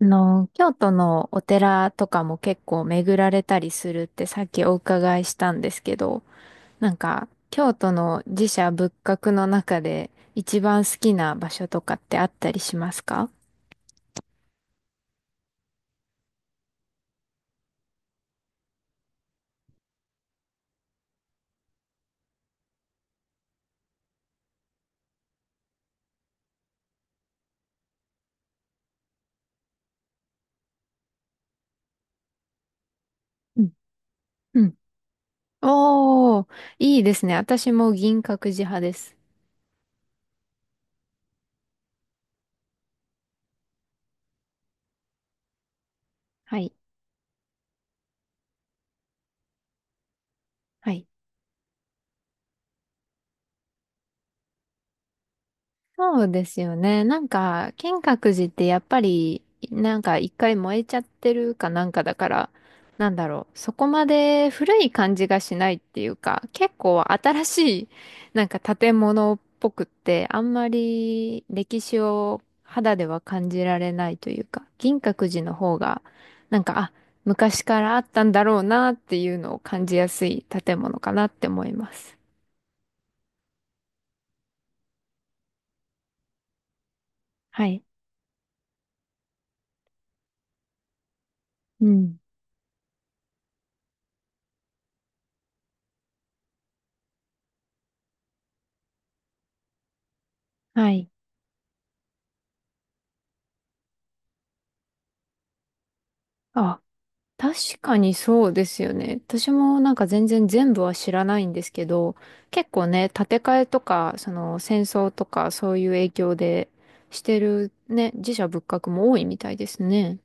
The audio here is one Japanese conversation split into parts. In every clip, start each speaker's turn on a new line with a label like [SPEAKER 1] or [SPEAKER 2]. [SPEAKER 1] 京都のお寺とかも結構巡られたりするってさっきお伺いしたんですけど、なんか、京都の寺社仏閣の中で一番好きな場所とかってあったりしますか？うん。うん。おー、いいですね。私も銀閣寺派です。はい。はい。そうですよね。なんか、金閣寺ってやっぱり、なんか一回燃えちゃってるかなんかだから、なんだろう、そこまで古い感じがしないっていうか、結構新しい、なんか建物っぽくって、あんまり歴史を肌では感じられないというか、銀閣寺の方が、なんか、あ、昔からあったんだろうなっていうのを感じやすい建物かなって思います。はい。うん。はい。あ、確かにそうですよね。私もなんか全然全部は知らないんですけど、結構ね、建て替えとか、その戦争とかそういう影響でしてるね、自社仏閣も多いみたいですね。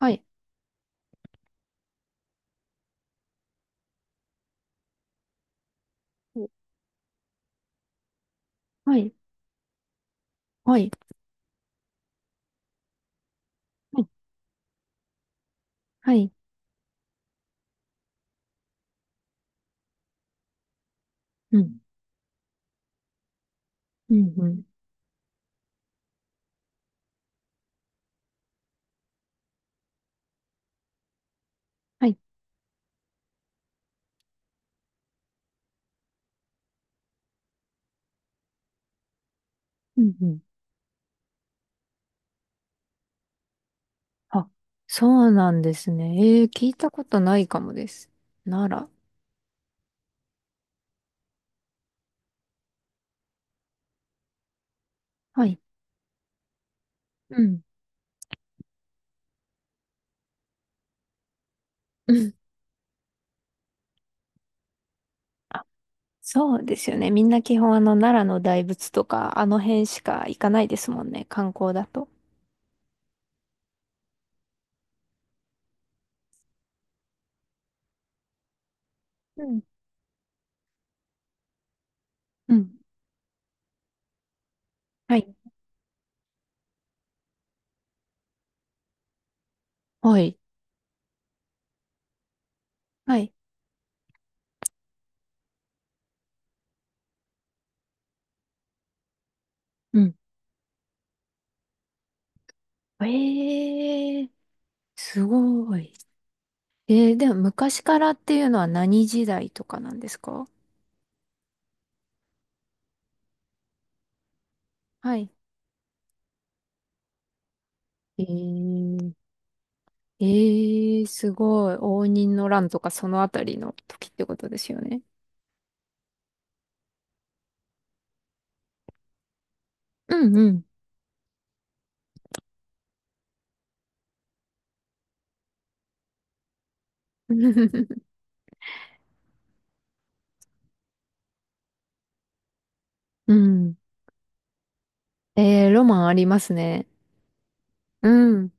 [SPEAKER 1] はい、はい、はい、はい、はい、うん、うん、うん、はい、うん、うん。あ、そうなんですね。えー、聞いたことないかもです。なら、はい、うん、うん。そうですよね。みんな基本あの奈良の大仏とかあの辺しか行かないですもんね。観光だと。うん。うん。はい。はい。はい。うん。ええー、すごい。えー、でも昔からっていうのは何時代とかなんですか？はい。えー、ええー、すごい。応仁の乱とかそのあたりの時ってことですよね。うん、うん。うん。えー、ロマンありますね。うん。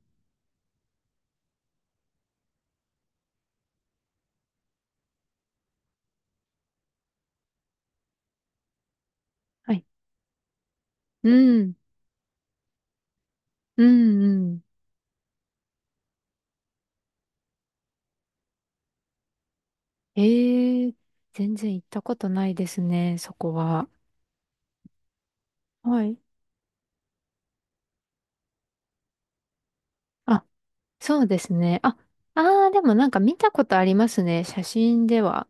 [SPEAKER 1] はい。うん。うん、うん。ええ、全然行ったことないですね、そこは。はい。あ、そうですね。あ、あー、でもなんか見たことありますね、写真では。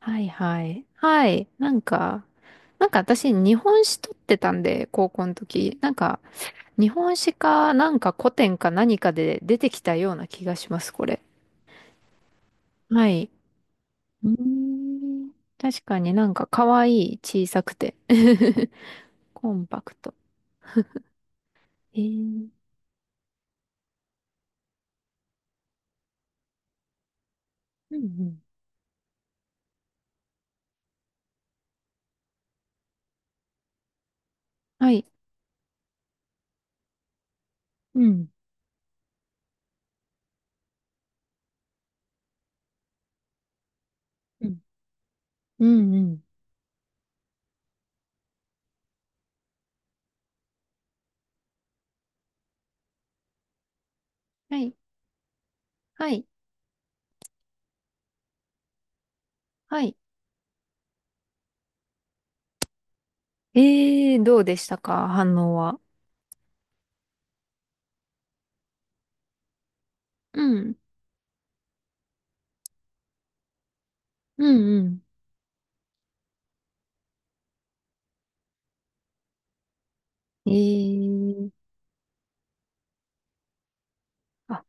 [SPEAKER 1] はい、はい。はい。なんか、なんか私、日本史取ってたんで、高校の時。なんか、日本史か、なんか古典か何かで出てきたような気がします、これ。はい。うーん。確かになんか可愛い、小さくて。コンパクト。ええ。うん、うん。はい。うん。うん。うん、うん。はい、はい、はい。えー、どうでしたか反応は？うん、うん、うん。えー、あ、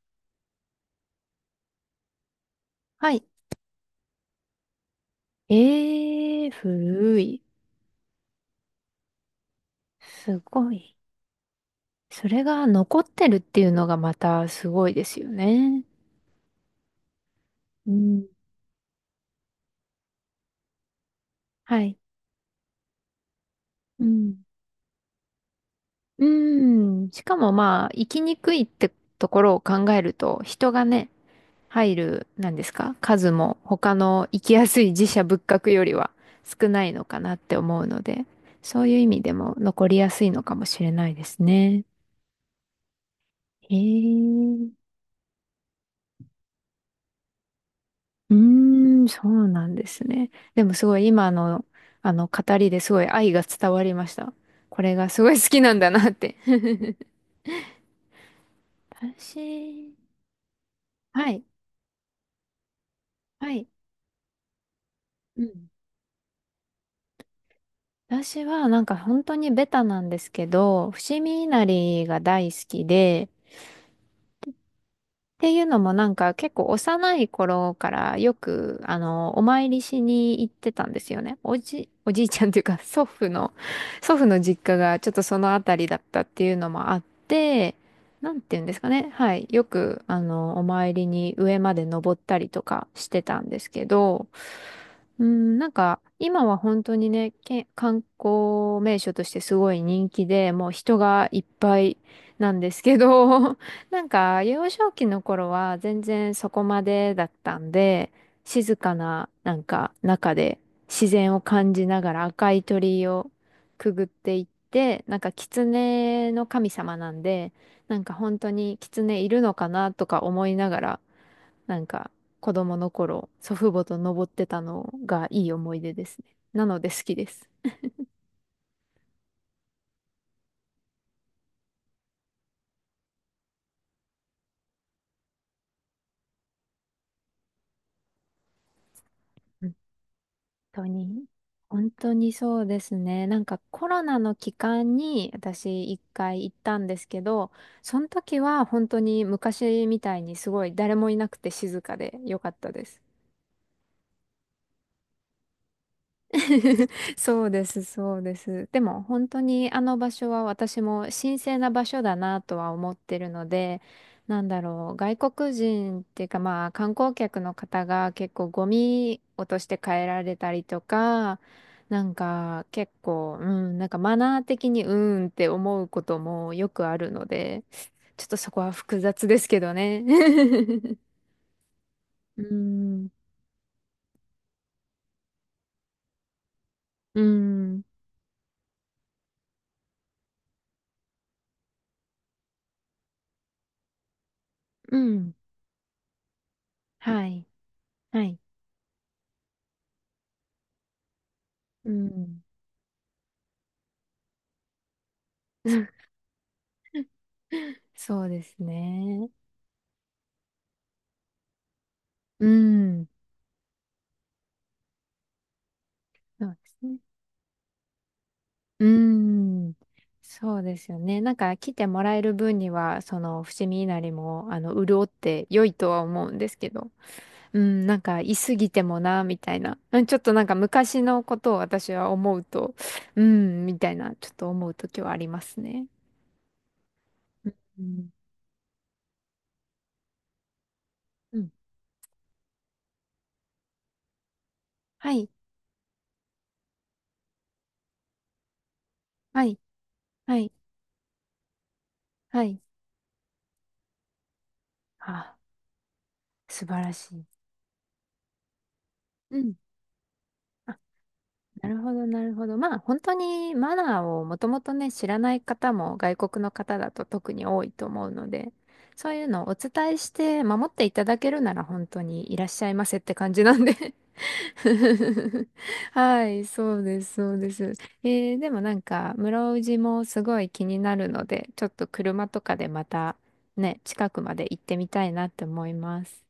[SPEAKER 1] はい。ええ、古い。すごい。それが残ってるっていうのがまたすごいですよね。うん。はい。うん、うん。しかもまあ、生きにくいってところを考えると、人がね、入る、なんですか、数も他の行きやすい寺社仏閣よりは少ないのかなって思うので、そういう意味でも残りやすいのかもしれないですね。へえ。うーん、そうなんですね。でもすごい今の、あの語りですごい愛が伝わりました。これがすごい好きなんだなって。私、はい、はい。うん。私はなんか本当にベタなんですけど、伏見稲荷が大好きで、っていうのもなんか結構幼い頃からよくあのお参りしに行ってたんですよね。おじいちゃんというか 祖父の、祖父の実家がちょっとそのあたりだったっていうのもあって、なんて言うんですかね。はい。よくあのお参りに上まで登ったりとかしてたんですけど、うん、なんか今は本当にね、観光名所としてすごい人気で、もう人がいっぱいなんですけど なんか、幼少期の頃は全然そこまでだったんで、静かな、なんか、中で自然を感じながら赤い鳥居をくぐっていって、なんか、狐の神様なんで、なんか本当に狐いるのかなとか思いながら、なんか、子供の頃、祖父母と登ってたのがいい思い出ですね。なので好きです。当に、本当にそうですね。なんかコロナの期間に私一回行ったんですけど、その時は本当に昔みたいにすごい誰もいなくて静かで良かったです。そうです、そうです。でも本当にあの場所は私も神聖な場所だなとは思ってるので、なんだろう、外国人っていうかまあ観光客の方が結構ゴミ落として帰られたりとか、なんか結構、うん、なんかマナー的にうーんって思うこともよくあるので、ちょっとそこは複雑ですけどね。うん、うん、うん、はい、はい、うん。そうですね。うん。そうですね。うん。そうですよね。なんか来てもらえる分には、その伏見稲荷も、あの、潤って良いとは思うんですけど。うん、なんか居すぎてもな、みたいな。うん、ちょっとなんか昔のことを私は思うと、うん、みたいな、ちょっと思う時はありますね。うん。うん。はい。はい。はい。はい。あ、素晴らしい。うん。なるほど、なるほど。まあ、本当にマナーをもともとね、知らない方も外国の方だと特に多いと思うので、そういうのをお伝えして守っていただけるなら本当にいらっしゃいませって感じなんで はい、そうです、そうです。えー、でもなんか、室生寺もすごい気になるので、ちょっと車とかでまたね、近くまで行ってみたいなって思います。